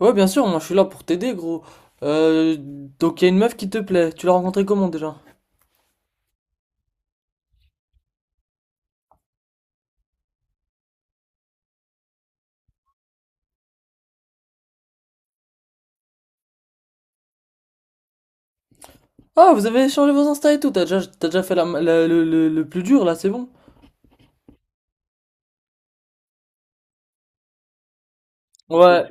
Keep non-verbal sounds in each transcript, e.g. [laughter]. Ouais, bien sûr, moi je suis là pour t'aider, gros. Euh, donc il y a une meuf qui te plaît. Tu l'as rencontrée comment déjà? Ah, vous avez échangé vos Insta et tout. T'as déjà fait le plus dur là, c'est bon. Ouais,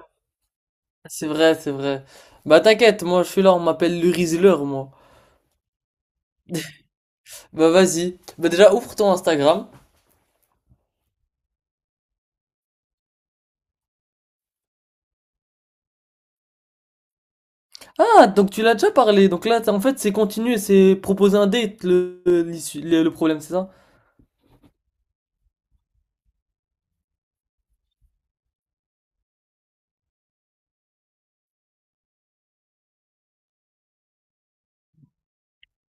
c'est vrai. Bah t'inquiète, moi je suis là, on m'appelle le Rizzler, moi. [laughs] Bah vas-y. Bah déjà ouvre ton Instagram. Ah, donc tu l'as déjà parlé. Donc là, en fait, c'est continuer, c'est proposer un date le problème, c'est ça?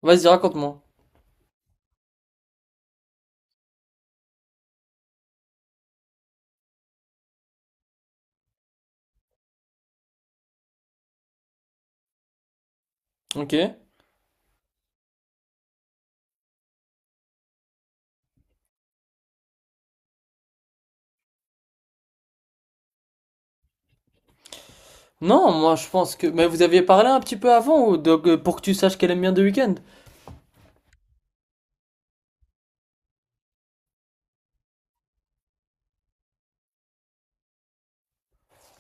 Vas-y, raconte-moi. Ok. Non, moi je pense que. Mais vous aviez parlé un petit peu avant, ou donc, pour que tu saches qu'elle aime bien The Weeknd.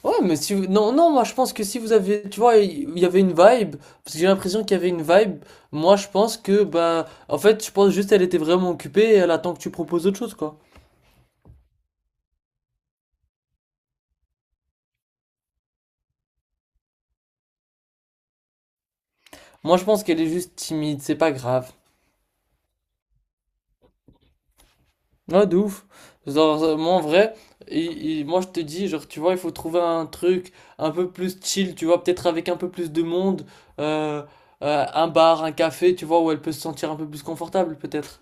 Ouais, mais si vous... Non, non, moi je pense que si vous avez. Tu vois, il y avait une vibe. Parce que j'ai l'impression qu'il y avait une vibe. Moi je pense que, bah. En fait, je pense juste qu'elle était vraiment occupée et elle attend que tu proposes autre chose, quoi. Moi je pense qu'elle est juste timide, c'est pas grave. Ouais, de ouf. Genre, moi en vrai, moi je te dis, genre, tu vois, il faut trouver un truc un peu plus chill, tu vois, peut-être avec un peu plus de monde, euh, un bar, un café, tu vois, où elle peut se sentir un peu plus confortable, peut-être.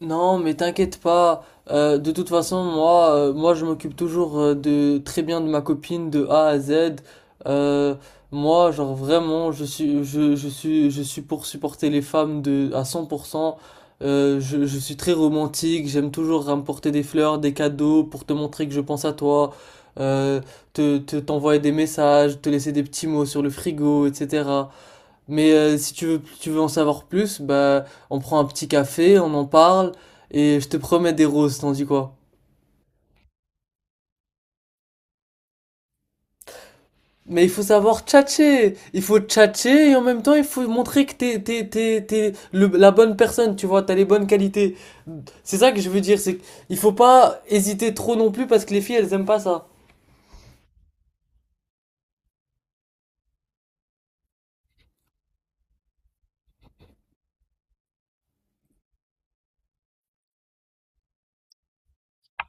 Non, mais t'inquiète pas. De toute façon, moi, je m'occupe toujours de très bien de ma copine de A à Z. Euh, moi, genre vraiment, je suis pour supporter les femmes de à 100%. Je je suis très romantique. J'aime toujours rapporter des fleurs, des cadeaux pour te montrer que je pense à toi. Euh, t'envoyer des messages, te laisser des petits mots sur le frigo, etc. Mais si tu veux, tu veux en savoir plus, bah, on prend un petit café, on en parle, et je te promets des roses, t'en dis quoi? Mais il faut savoir tchatcher! Il faut tchatcher, et en même temps, il faut montrer que t'es la bonne personne, tu vois, t'as les bonnes qualités. C'est ça que je veux dire, c'est qu'il faut pas hésiter trop non plus, parce que les filles, elles aiment pas ça.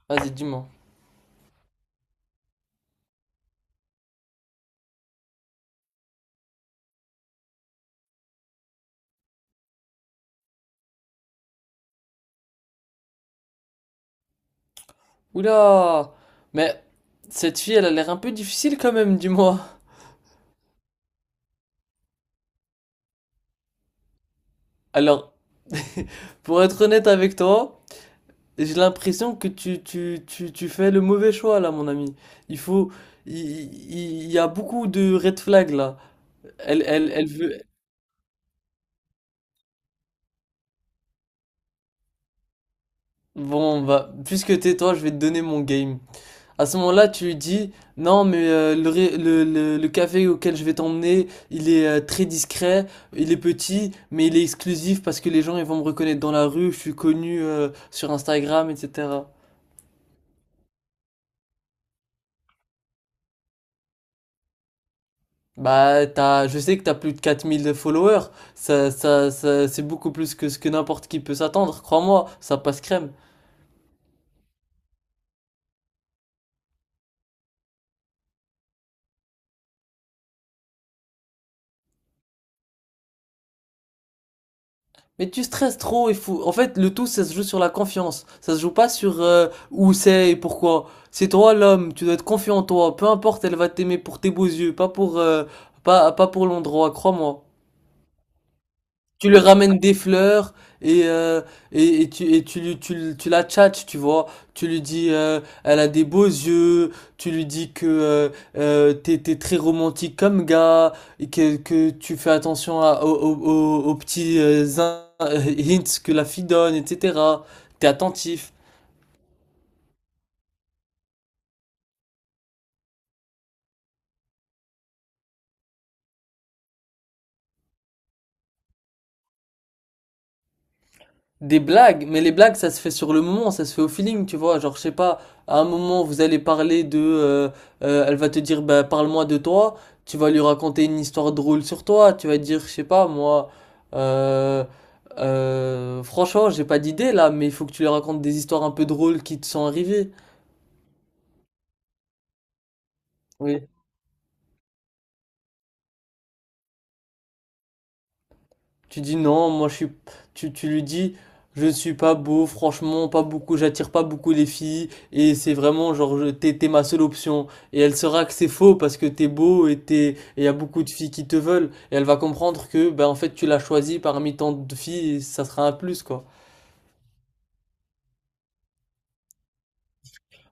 Vas-y, dis-moi. Oula! Mais cette fille, elle a l'air un peu difficile quand même, dis-moi. Alors, pour être honnête avec toi, j'ai l'impression que tu fais le mauvais choix là, mon ami. Il faut, il, il y a beaucoup de red flags là. Elle, elle, elle veut. Bon, bah, puisque t'es toi, je vais te donner mon game. À ce moment-là, tu lui dis, non, mais le café auquel je vais t'emmener, il est très discret, il est petit, mais il est exclusif parce que les gens ils vont me reconnaître dans la rue, je suis connu sur Instagram, etc. Bah, t'as, je sais que t'as plus de 4000 de followers, c'est beaucoup plus que ce que n'importe qui peut s'attendre, crois-moi, ça passe crème. Mais tu stresses trop, il faut, en fait, le tout, ça se joue sur la confiance, ça se joue pas sur où c'est et pourquoi. C'est toi l'homme, tu dois être confiant en toi, peu importe, elle va t'aimer pour tes beaux yeux, pas pour, pas pour l'endroit, crois-moi. Tu lui ramènes des fleurs et, euh, et tu, lui- tu, lui- tu la tchatches, tu vois. Tu lui dis, elle a des beaux yeux, tu lui dis que t'es très romantique comme gars, et que tu fais attention aux petits [laughs] hints que la fille donne, etc. T'es attentif. Des blagues, mais les blagues, ça se fait sur le moment, ça se fait au feeling, tu vois. Genre, je sais pas, à un moment, vous allez parler de, elle va te dire, bah, parle-moi de toi. Tu vas lui raconter une histoire drôle sur toi. Tu vas dire, je sais pas, moi, euh, franchement, j'ai pas d'idée là, mais il faut que tu lui racontes des histoires un peu drôles qui te sont arrivées. Oui. Tu dis non, moi je suis. Tu lui dis, je ne suis pas beau, franchement, pas beaucoup, j'attire pas beaucoup les filles, et c'est vraiment genre, t'es ma seule option. Et elle saura que c'est faux parce que t'es beau et y a beaucoup de filles qui te veulent, et elle va comprendre que, ben en fait, tu l'as choisi parmi tant de filles, et ça sera un plus, quoi.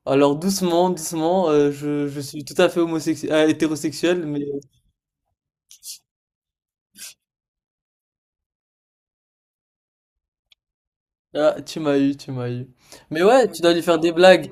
Alors doucement, doucement, je suis tout à fait homosexuel, hétérosexuel, mais ah, tu m'as eu. Mais ouais, tu dois lui faire des blagues.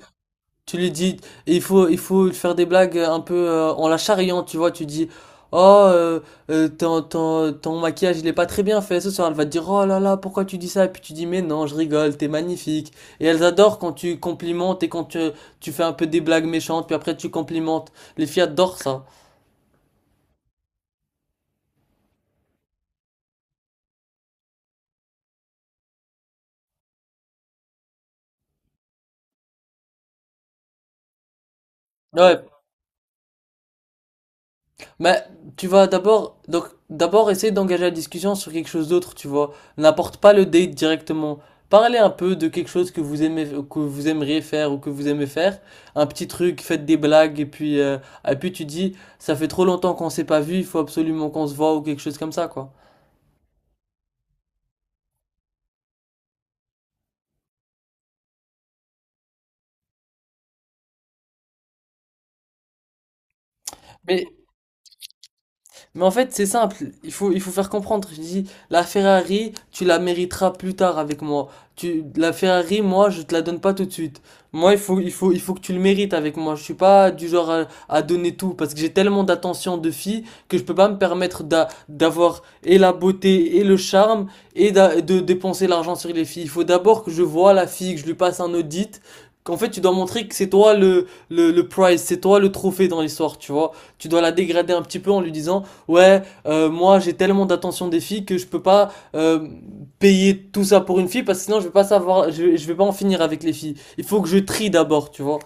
Tu lui dis, et il faut lui faire des blagues un peu en la charriant, tu vois. Tu dis, oh, ton maquillage, il est pas très bien fait ce soir. Elle va te dire, oh là là, pourquoi tu dis ça? Et puis tu dis, mais non, je rigole, t'es magnifique. Et elles adorent quand tu complimentes et quand tu fais un peu des blagues méchantes, puis après tu complimentes. Les filles adorent ça. Ouais, mais tu vas d'abord essayer d'engager la discussion sur quelque chose d'autre, tu vois. N'apporte pas le date directement. Parlez un peu de quelque chose que vous aimez que vous aimeriez faire ou que vous aimez faire, un petit truc, faites des blagues et puis tu dis ça fait trop longtemps qu'on s'est pas vu, il faut absolument qu'on se voit ou quelque chose comme ça quoi. Mais Mais en fait, c'est simple, il faut faire comprendre. Je dis, la Ferrari, tu la mériteras plus tard avec moi. Tu, la Ferrari, moi, je te la donne pas tout de suite. Moi, il faut que tu le mérites avec moi. Je suis pas du genre à donner tout parce que j'ai tellement d'attention de filles que je peux pas me permettre d'avoir et la beauté et le charme et de dépenser l'argent sur les filles. Il faut d'abord que je vois la fille, que je lui passe un audit. Qu'en fait, tu dois montrer que c'est toi le prize, c'est toi le trophée dans l'histoire, tu vois. Tu dois la dégrader un petit peu en lui disant ouais, moi j'ai tellement d'attention des filles que je peux pas payer tout ça pour une fille parce que sinon je vais pas savoir, je vais pas en finir avec les filles. Il faut que je trie d'abord, tu vois.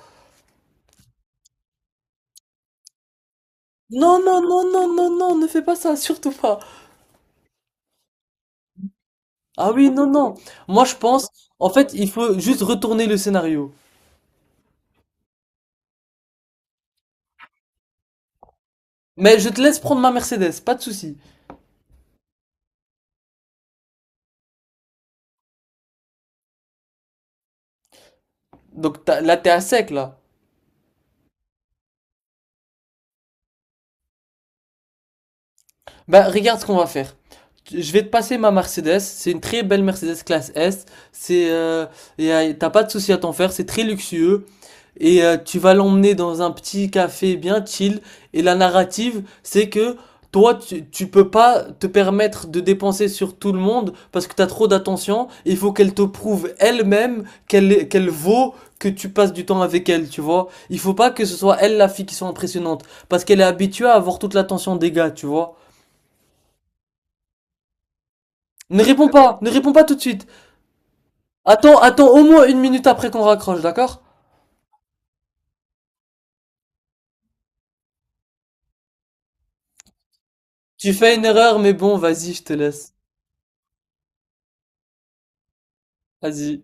Non, non, non, non, non, non, ne fais pas ça, [laughs] surtout pas. Ah oui, non, non. Moi je pense, en fait, il faut juste retourner le scénario. Mais je te laisse prendre ma Mercedes, pas de souci. Donc là t'es à sec là. Bah regarde ce qu'on va faire. Je vais te passer ma Mercedes, c'est une très belle Mercedes classe S. C'est t'as pas de souci à t'en faire, c'est très luxueux. Et tu vas l'emmener dans un petit café bien chill. Et la narrative, c'est que toi, tu peux pas te permettre de dépenser sur tout le monde parce que t'as trop d'attention. Il faut qu'elle te prouve elle-même qu'elle vaut que tu passes du temps avec elle, tu vois. Il faut pas que ce soit elle la fille qui soit impressionnante parce qu'elle est habituée à avoir toute l'attention des gars, tu vois. Ne réponds pas, ne réponds pas tout de suite. Attends, attends au moins une minute après qu'on raccroche, d'accord? Tu fais une erreur, mais bon, vas-y, je te laisse. Vas-y.